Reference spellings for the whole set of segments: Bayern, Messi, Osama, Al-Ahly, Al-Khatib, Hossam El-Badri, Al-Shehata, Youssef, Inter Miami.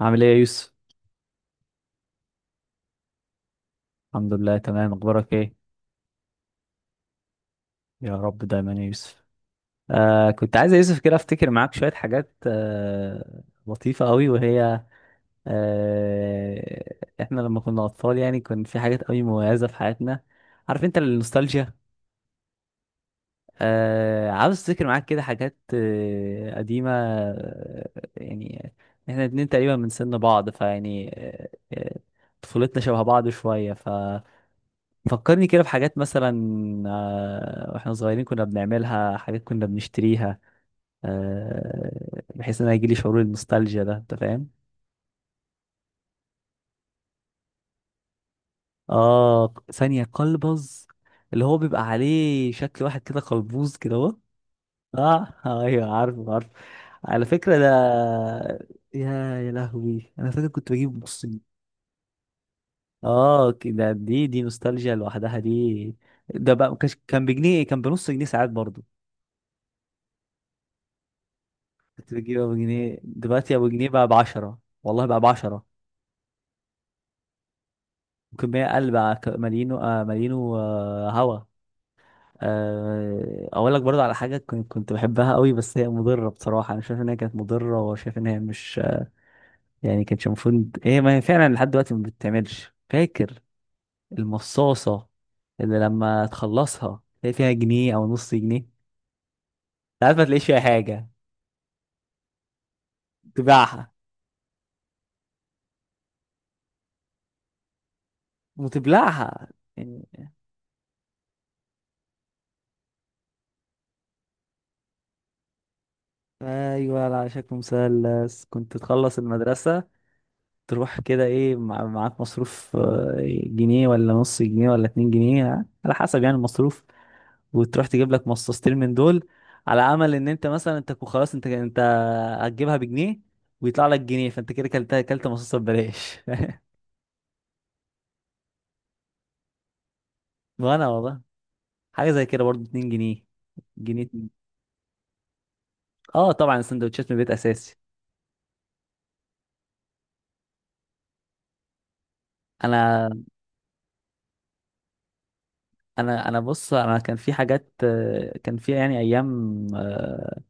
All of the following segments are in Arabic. عامل ايه يا يوسف؟ الحمد لله تمام. اخبارك ايه؟ يا رب دايما يا يوسف. كنت عايز يا يوسف كده افتكر معاك شوية حاجات لطيفة قوي، وهي آه احنا لما كنا اطفال يعني كان في حاجات قوي مميزة في حياتنا، عارف انت النوستالجيا. عاوز افتكر معاك كده حاجات قديمة يعني، احنا الاتنين تقريبا من سن بعض، فيعني طفولتنا شبه بعض شوية. فكرني كده بحاجات مثلا واحنا صغيرين كنا بنعملها، حاجات كنا بنشتريها بحيث ان انا يجيلي شعور النوستالجيا ده، انت فاهم. اه، ثانية قلبز، اللي هو بيبقى عليه شكل واحد كده قلبوز كده اهو. اه، ايوه عارفه عارفه، على فكرة ده. يا يا لهوي، انا فاكر كنت بجيب، بص، اه كده، دي دي نوستالجيا لوحدها دي. ده بقى ما كانش- كان بجنيه، كان بنص جنيه ساعات برضو. كنت بجيب ابو جنيه، دلوقتي ابو جنيه بقى ب 10، والله بقى ب 10، ممكن 100 قل بقى، مليون مليون وهوا. اقول لك برضه على حاجه كنت بحبها قوي، بس هي مضره بصراحه، انا شايف ان هي كانت مضره، وشايف ان هي مش يعني كانتش المفروض هي، ما هي فعلا لحد دلوقتي ما بتتعملش، فاكر؟ المصاصه اللي لما تخلصها تلاقي فيها جنيه او نص جنيه، ساعات ما تلاقيش فيها حاجه، تباعها وتبلعها يعني. ايوه، على شكل مثلث. كنت تخلص المدرسه تروح كده، ايه، معاك مصروف جنيه ولا نص جنيه ولا اتنين جنيه، على حسب يعني المصروف، وتروح تجيب لك مصاصتين من دول، على امل ان انت مثلا، انت خلاص انت هتجيبها بجنيه ويطلع لك جنيه، فانت كده كلت مصاصه ببلاش. وانا والله حاجه زي كده برضو، اتنين جنيه، جنيه اتنين. اه، طبعا السندوتشات من البيت اساسي. انا انا بص، انا كان في حاجات كان في يعني ايام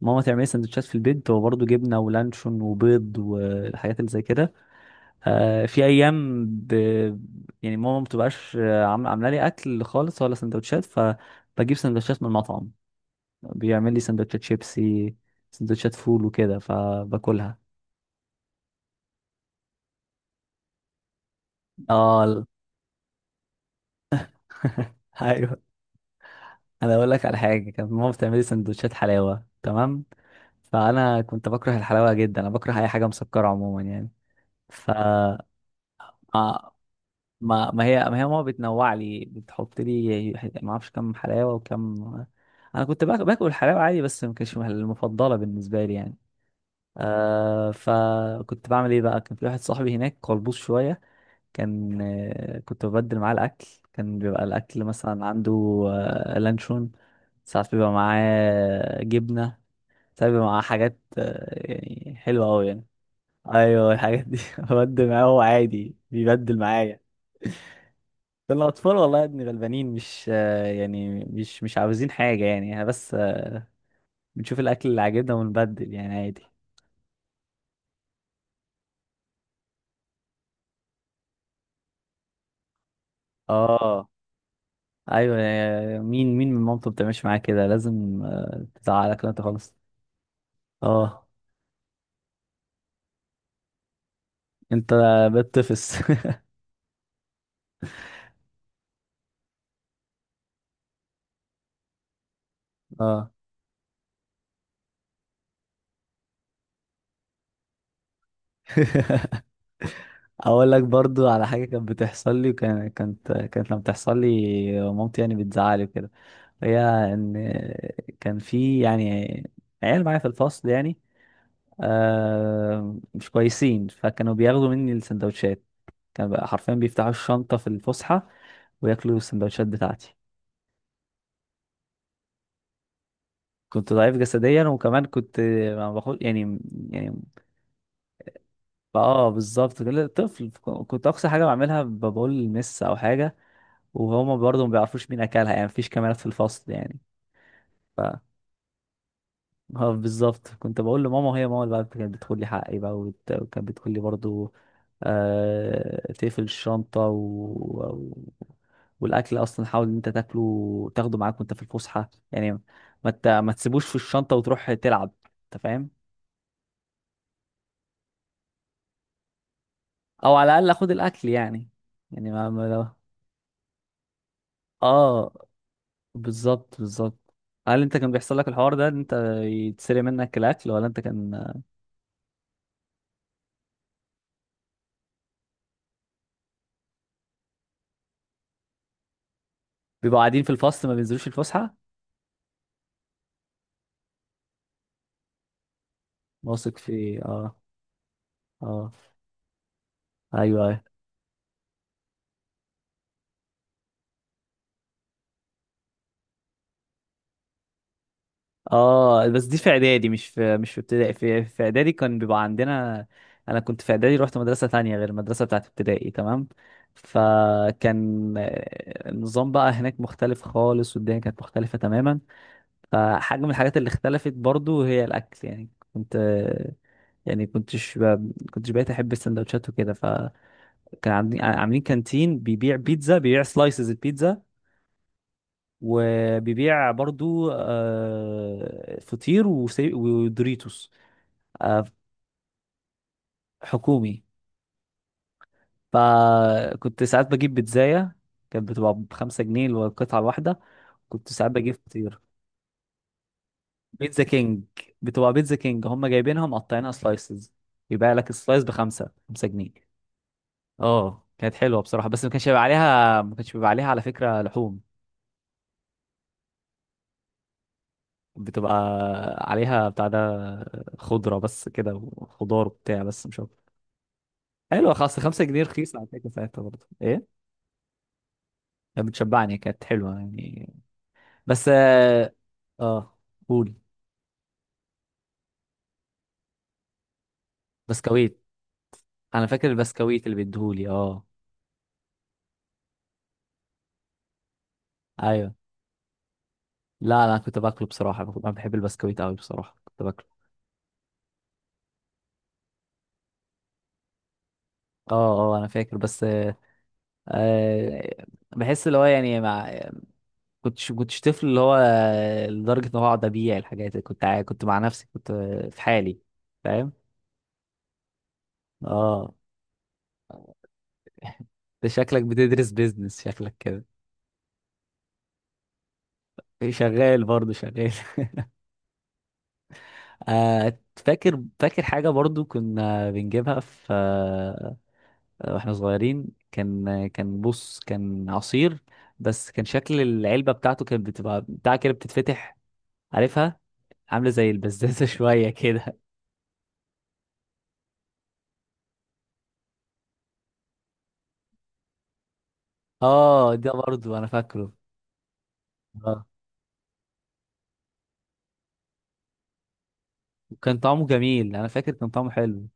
ماما تعمل لي سندوتشات في البيت، هو برضه جبنه ولانشون وبيض والحاجات اللي زي كده. في ايام يعني ماما ما بتبقاش عامله لي اكل خالص ولا سندوتشات، فبجيب سندوتشات من المطعم، بيعمل لي سندوتشات شيبسي، سندوتشات فول وكده، فباكلها. اه ال- ايوه، انا اقول لك على حاجه، كانت ماما بتعمل لي سندوتشات حلاوه، تمام، فانا كنت بكره الحلاوه جدا، انا بكره اي حاجه مسكره عموما يعني. ف آه، ما هي ماما بتنوع لي، بتحط لي ما اعرفش كم حلاوه وكم، انا كنت باكل الحلاوه عادي، بس ما كانتش المفضله بالنسبه لي يعني. فكنت بعمل ايه بقى؟ كان في واحد صاحبي هناك قلبوز شويه، كان آه، كنت ببدل معاه الاكل. كان بيبقى الاكل مثلا عنده لانشون، ساعات بيبقى معاه جبنه، ساعات بيبقى معاه حاجات يعني حلوه قوي يعني. ايوه، الحاجات دي ببدل معاه، هو عادي بيبدل معايا. ده الأطفال والله يا ابني غلبانين، مش يعني مش عاوزين حاجة يعني، احنا بس بنشوف الأكل اللي عاجبنا ونبدل يعني، عادي. اه، أيوة مين من مامته بتعملش معاه كده؟ لازم تزعلك لو أنت خالص. اه، أنت بتطفس. اه أقول لك برضو على حاجة كانت بتحصل لي، وكانت كانت كانت لما بتحصل لي مامتي يعني بتزعلي وكده، هي، إن، كان في يعني عيال معايا في الفصل يعني مش كويسين، فكانوا بياخدوا مني السندوتشات، كان بقى حرفيا بيفتحوا الشنطة في الفسحة وياكلوا السندوتشات بتاعتي. كنت ضعيف جسديا، وكمان كنت ما باخد يعني، يعني اه بالظبط كده، طفل. كنت اقصى حاجة بعملها بقول لمس او حاجة، وهما برضه ما بيعرفوش مين اكلها يعني، مفيش كاميرات في الفصل يعني. اه بالظبط، كنت بقول لماما، وهي ماما اللي بقى كانت بتدخل لي حقي بقى، وكانت بتقول لي برضو تقفل الشنطة، و... والأكل أصلا حاول إن أنت تاكله، تاخده معاك وأنت في الفسحة يعني، ما تسيبوش في الشنطة وتروح تلعب، أنت فاهم. أو على الأقل خد الأكل يعني، يعني ما... ما... لو- اه بالظبط بالظبط. هل أنت كان بيحصل لك الحوار ده، إن أنت يتسرق منك الأكل، ولا أنت كان بيبقوا قاعدين في الفصل ما بينزلوش الفسحة؟ واثق في اه. اه ايوه ايوه. اه، بس دي في اعدادي، مش في مش في ابتدائي، في اعدادي كان بيبقى عندنا، انا كنت في اعدادي رحت مدرسه تانية غير المدرسه بتاعت ابتدائي، تمام، فكان النظام بقى هناك مختلف خالص، والدنيا كانت مختلفه تماما. فحاجه من الحاجات اللي اختلفت برضو هي الاكل يعني، كنت يعني كنتش كنتش بقيت احب السندوتشات وكده، فكان عاملين كانتين بيبيع بيتزا، بيبيع سلايسز البيتزا، وبيبيع برضو فطير ودوريتوس. آه، حكومي. فكنت ساعات بجيب بيتزاية، كانت بتبقى بخمسة جنيه القطعة الواحدة، كنت ساعات بجيب فطير. بيتزا كينج، بتبقى بيتزا كينج هم جايبينها مقطعينها سلايسز، يبيع لك السلايس بخمسة، خمسة جنيه. اه كانت حلوة بصراحة، بس ما كانش بيبقى عليها، ما كانش بيبقى عليها على فكرة لحوم، بتبقى عليها بتاع ده، خضرة بس كده، وخضار وبتاع، بس مش أكتر. حلوة، خاصة خمسة جنيه رخيصة على فكرة ساعتها برضه، ايه، كانت بتشبعني، كانت حلوة يعني. بس اه آه، قول. بسكويت. انا فاكر البسكويت اللي بيديهولي، اه ايوه. لا انا كنت باكله بصراحة، انا بحب البسكويت قوي بصراحة، كنت باكله. اه اه، انا فاكر بس آه، بحس اللي هو يعني مع، كنتش طفل اللي هو لدرجة ان هو اقعد ابيع الحاجات دي. كنت كنت مع نفسي، كنت في حالي، فاهم. اه ده شكلك بتدرس بيزنس، شكلك كده. شغال برضه شغال. فاكر حاجة برضه كنا بنجيبها في واحنا صغيرين. كان بص، كان عصير، بس كان شكل العلبة بتاعته كانت بتبقى بتاع كده بتتفتح، عارفها؟ عاملة زي البزازة شوية كده. اه، ده برضه انا فاكره. اه، وكان طعمه جميل، انا فاكر كان طعمه حلو.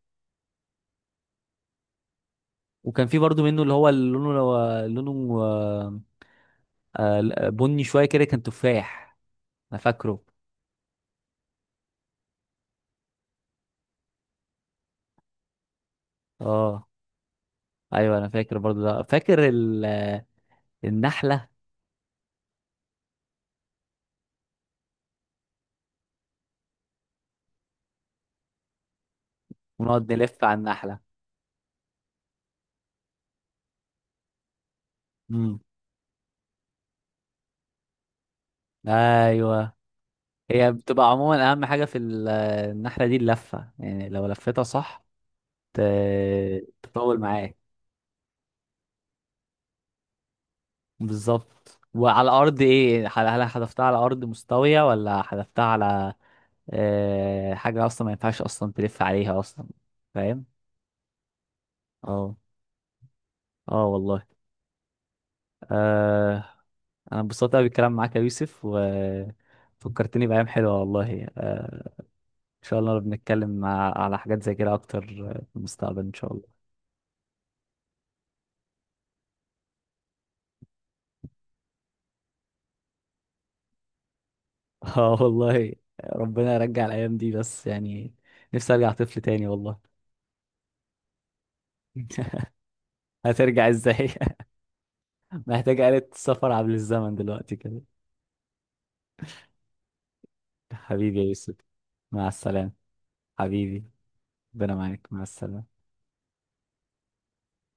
وكان في برضه منه اللي هو اللي لونه لونه بني شوية كده، كان تفاح، انا فاكره. اه ايوه، انا فاكر برضو ده، فاكر النحله، ونقعد نلف على النحله. امم ايوه، هي بتبقى عموما اهم حاجه في النحله دي اللفه يعني، لو لفتها صح ت... تطول معاك. بالظبط، وعلى ارض ايه، هل هل حذفتها على ارض مستويه، ولا حذفتها على حاجه اصلا ما ينفعش اصلا تلف عليها اصلا، فاهم. اه. اه والله. أه... انا انبسطت قوي بالكلام معاك يا يوسف، وفكرتني بايام حلوه والله. شاء الله بنتكلم على حاجات زي كده اكتر في المستقبل ان شاء الله. اه والله، ربنا يرجع الايام دي بس يعني، نفسي ارجع طفل تاني والله. هترجع ازاي؟ محتاج آلة سفر عبر الزمن دلوقتي كده. حبيبي يا يوسف، مع السلامة. حبيبي، ربنا معاك، مع السلامة.